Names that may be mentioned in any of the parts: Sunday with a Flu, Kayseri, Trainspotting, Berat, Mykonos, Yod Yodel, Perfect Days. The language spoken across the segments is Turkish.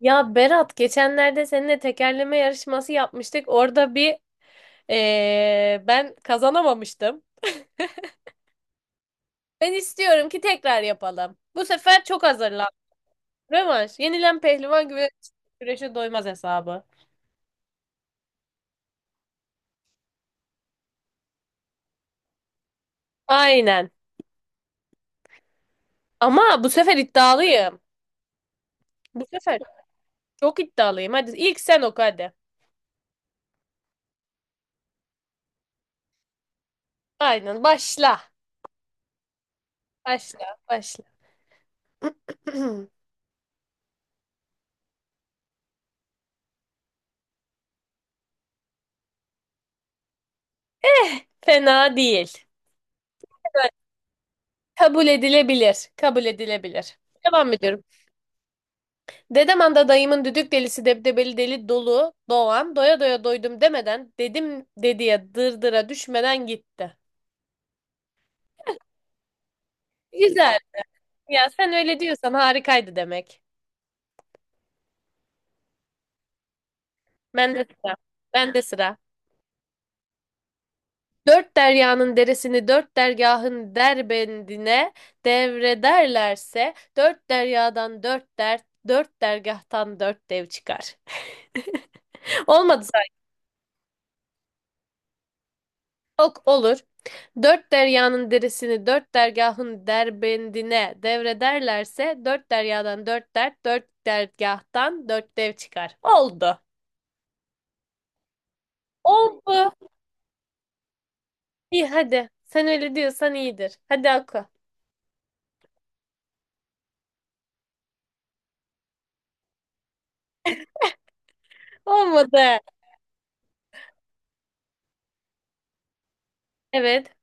Ya Berat geçenlerde seninle tekerleme yarışması yapmıştık. Orada bir ben kazanamamıştım. Ben istiyorum ki tekrar yapalım. Bu sefer çok hazırlan. Rövanş. Yenilen pehlivan güve güreşe doymaz hesabı. Aynen. Ama bu sefer iddialıyım. Bu sefer çok iddialıyım. Hadi ilk sen oku hadi. Aynen. Başla. Başla. Başla. Fena değil. Kabul edilebilir. Kabul edilebilir. Devam ediyorum. Dedem anda dayımın düdük delisi debdebeli deli dolu doğan doya doya doydum demeden dedim dediye dırdıra düşmeden gitti. Güzel. Ya sen öyle diyorsan harikaydı demek. Ben de sıra. Ben de sıra. Dört deryanın deresini dört dergahın derbendine devrederlerse dört deryadan dört dert, dört dergahtan dört dev çıkar. Olmadı. Ok olur. Dört deryanın derisini dört dergahın derbendine devrederlerse dört deryadan dört dert, dört dergahtan dört dev çıkar. Oldu. Oldu. İyi hadi. Sen öyle diyorsan iyidir. Hadi oku. Olmadı. Evet.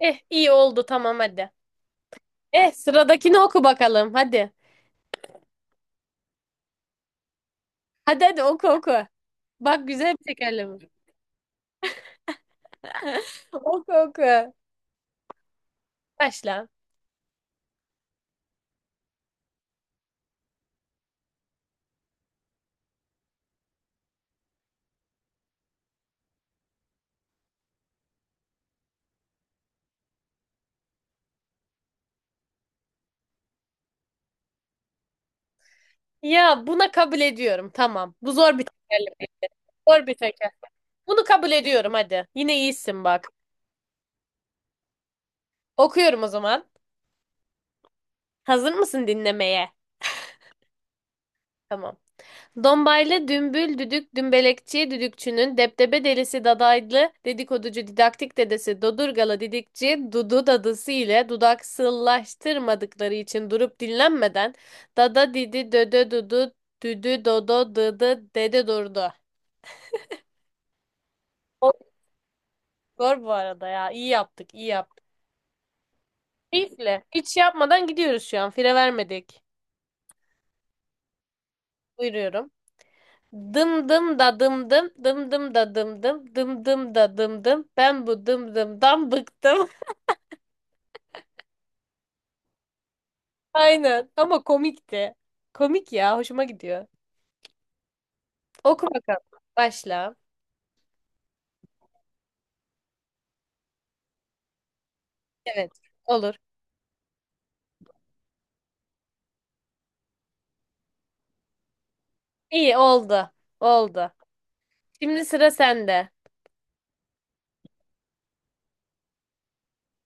Eh iyi oldu, tamam hadi. Eh, sıradakini oku bakalım hadi. Hadi hadi oku oku. Bak, güzel bir tekerleme. Oku oku. Başla. Ya buna kabul ediyorum. Tamam. Bu zor bir tekerleme. Zor bir teker. Bunu kabul ediyorum hadi. Yine iyisin bak. Okuyorum o zaman. Hazır mısın dinlemeye? Tamam. Dombaylı dümbül düdük dümbelekçi düdükçünün depdebe delisi dadaylı dedikoducu didaktik dedesi dodurgalı didikçi dudu dadısı ile dudaksızlaştırmadıkları için durup dinlenmeden dada didi dödö dudu düdü dodo dıdı dede durdu. Çok. Zor bu arada ya. İyi yaptık, iyi yaptık. Keyifle. Hiç yapmadan gidiyoruz şu an. Fire vermedik. Buyuruyorum. Dım dım da dım dım, dım dım da dım dım, dım dım da dım dım. Ben bu dım dımdan bıktım. Aynen. Ama komikti. Komik ya. Hoşuma gidiyor. Oku bakalım. Başla. Evet. Olur. İyi oldu. Oldu. Şimdi sıra sende.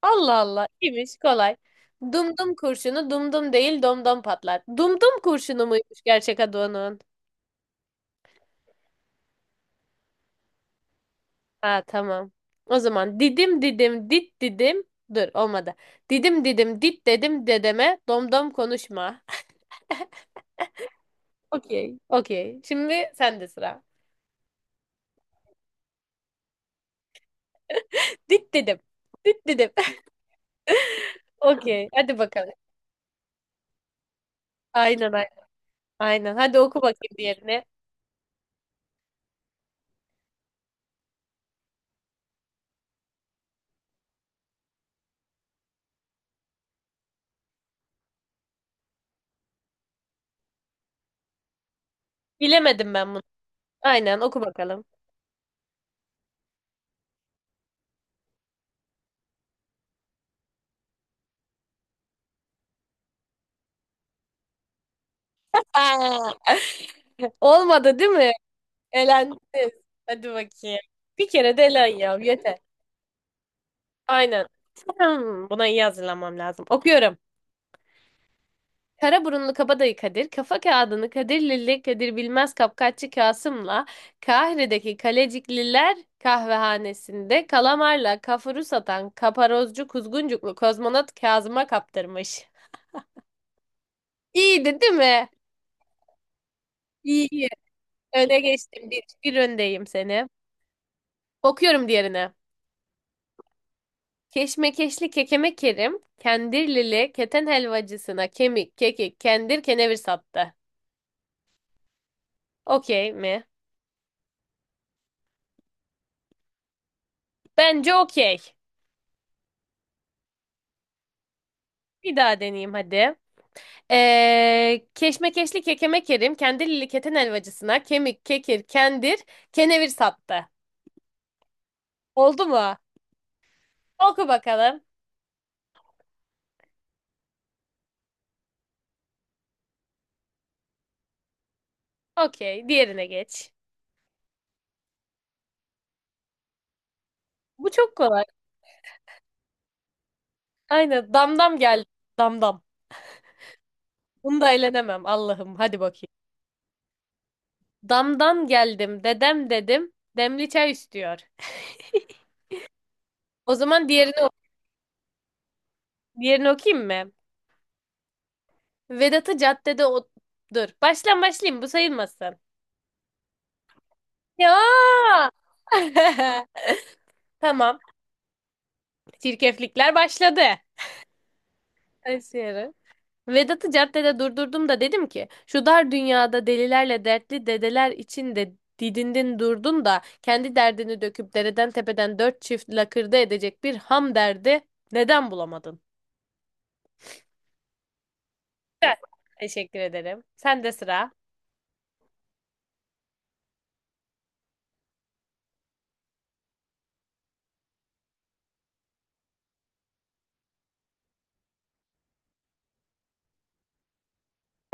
Allah Allah. İyiymiş. Kolay. Dumdum kurşunu dumdum değil domdom patlar. Dumdum kurşunu muymuş gerçek adı onun? Ha, tamam. O zaman didim didim dit didim. Dur, olmadı. Didim didim dit dedim dedeme domdom konuşma. Okey. Okey. Şimdi sende sıra. Dit dedim. Dit dedim. Okey. Hadi bakalım. Aynen aynen. Aynen. Hadi oku bakayım diğerini. Bilemedim ben bunu. Aynen oku bakalım. Aa! Olmadı değil mi? Elendiniz. Hadi bakayım. Bir kere de elen ya. Yeter. Aynen. Buna iyi hazırlanmam lazım. Okuyorum. Kara burunlu kabadayı Kadir, kafa kağıdını Kadir Lilli Kadir Bilmez Kapkaççı Kasım'la Kahire'deki Kalecikliler kahvehanesinde kalamarla kafuru satan kaparozcu kuzguncuklu kozmonot Kazım'a kaptırmış. İyiydi değil mi? İyi. İyi. Öne geçtim. Bir öndeyim seni. Okuyorum diğerine. Keşmekeşli kekeme Kerim, kendirlili keten helvacısına kemik, kekik, kendir, kenevir sattı. Okey mi? Bence okey. Bir daha deneyeyim hadi. Keşmekeşli kekeme kerim, kendilili keten helvacısına kemik, kekir, kendir, kenevir sattı. Oldu mu? Oku bakalım. Okey, diğerine geç. Bu çok kolay. Aynen, damdam geldi. Damdam. Bunu da eğlenemem Allah'ım. Hadi bakayım. Damdan geldim, dedem dedim, demli çay istiyor. O zaman diğerini okuyayım mı? Vedat'ı caddede o... Dur, baştan başlayayım, bu sayılmasın. Ya! Tamam, çirkeflikler başladı. Kayseri. Vedat'ı caddede durdurdum da dedim ki şu dar dünyada delilerle dertli dedeler içinde didindin durdun da kendi derdini döküp dereden tepeden dört çift lakırdı edecek bir ham derdi neden bulamadın? Güzel. Teşekkür ederim. Sen de sıra.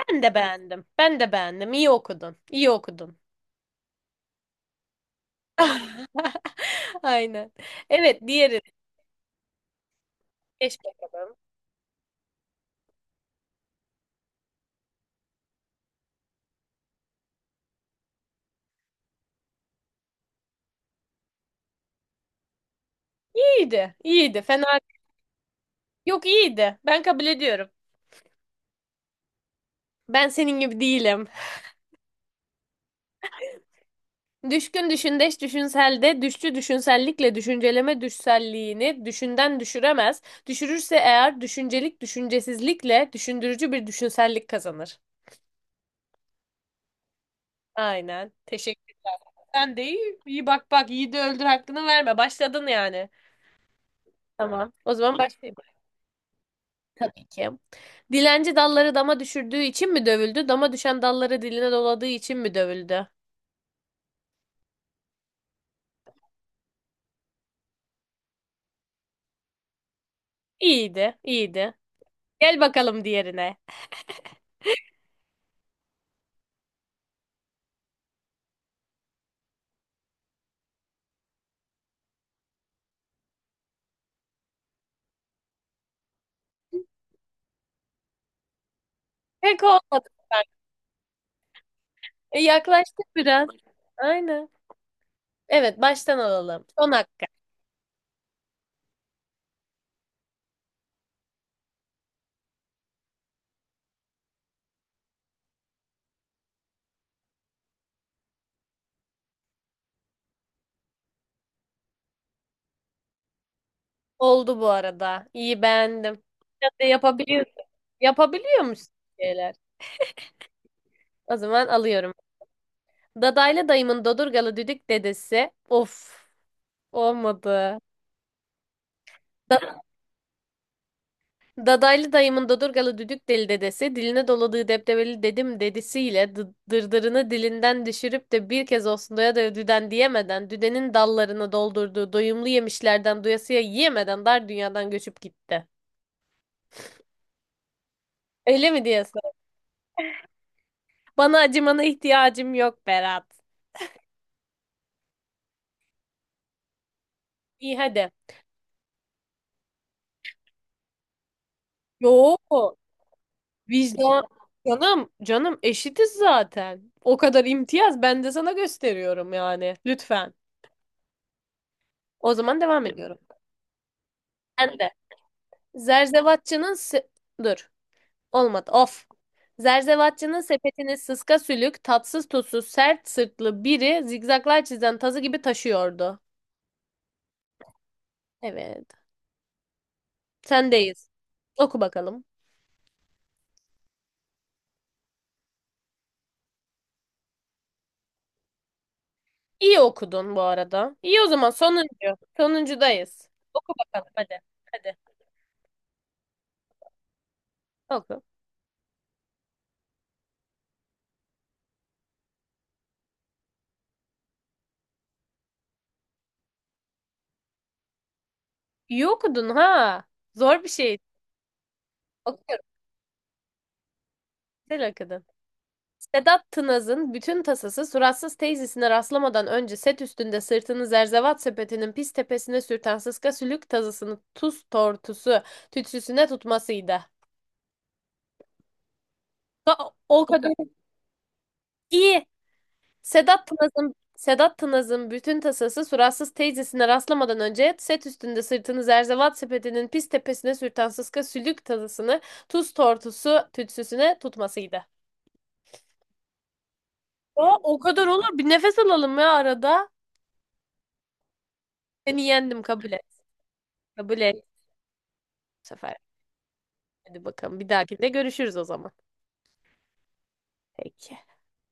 Ben de beğendim. Ben de beğendim. İyi okudun. İyi okudun. Aynen. Evet, diğerini geç bakalım. İyiydi. İyiydi. Fena. Yok, iyiydi. Ben kabul ediyorum. Ben senin gibi değilim. Düşkün düşündeş düşünselde, düşçü düşünsellikle düşünceleme düşselliğini düşünden düşüremez. Düşürürse eğer düşüncelik düşüncesizlikle düşündürücü bir düşünsellik kazanır. Aynen. Teşekkür. Sen de iyi, iyi bak bak iyi de öldür hakkını verme. Başladın yani. Tamam. O zaman başlayayım. Tabii ki. Dilenci dalları dama düşürdüğü için mi dövüldü? Dama düşen dalları diline doladığı için mi dövüldü? İyiydi, iyiydi. Gel bakalım diğerine. Pek olmadı. E, yaklaştık biraz. Aynen. Evet, baştan alalım. Son dakika. Oldu bu arada. İyi, beğendim. Sen de yapabiliyorsun. Yapabiliyor musun şeyler? O zaman alıyorum. Dadaylı dayımın dodurgalı düdük dedesi. Of, olmadı. Da- Dadaylı dayımın dodurgalı düdük deli dedesi diline doladığı deptebeli dedim dedisiyle dırdırını dilinden düşürüp de bir kez olsun doya doya düden diyemeden düdenin dallarını doldurduğu doyumlu yemişlerden doyasıya yiyemeden dar dünyadan göçüp gitti. Öyle mi diyorsun? Bana acımana ihtiyacım yok Berat. İyi hadi. Yo, vicdan. Canım, canım eşitiz zaten. O kadar imtiyaz ben de sana gösteriyorum yani. Lütfen. O zaman devam ediyorum. Ben de. Zerzevatçının se- Dur. Olmadı. Of. Zerzevatçının sepetini sıska sülük, tatsız tuzsuz, sert sırtlı biri zigzaklar çizen tazı gibi taşıyordu. Evet. Sendeyiz. Oku bakalım. İyi okudun bu arada. İyi, o zaman sonuncu. Sonuncudayız. Oku bakalım hadi. Hadi oku. İyi okudun ha. Zor bir şey. Okuyorum. Güzel okudun. Sedat Tınaz'ın bütün tasası suratsız teyzesine rastlamadan önce set üstünde sırtını zerzevat sepetinin pis tepesine sürten sıska sülük tazısını tuz tortusu tütsüsüne tutmasıydı. O kadar iyi. Sedat Tınaz'ın bütün tasası suratsız teyzesine rastlamadan önce set üstünde sırtını zerzevat sepetinin pis tepesine sürten sıska sülük tadısını tuz tortusu tütsüsüne tutmasıydı. Ya o kadar olur. Bir nefes alalım ya arada. Seni yendim, kabul et. Kabul et bu sefer. Hadi bakalım, bir dahakinde görüşürüz o zaman. Peki.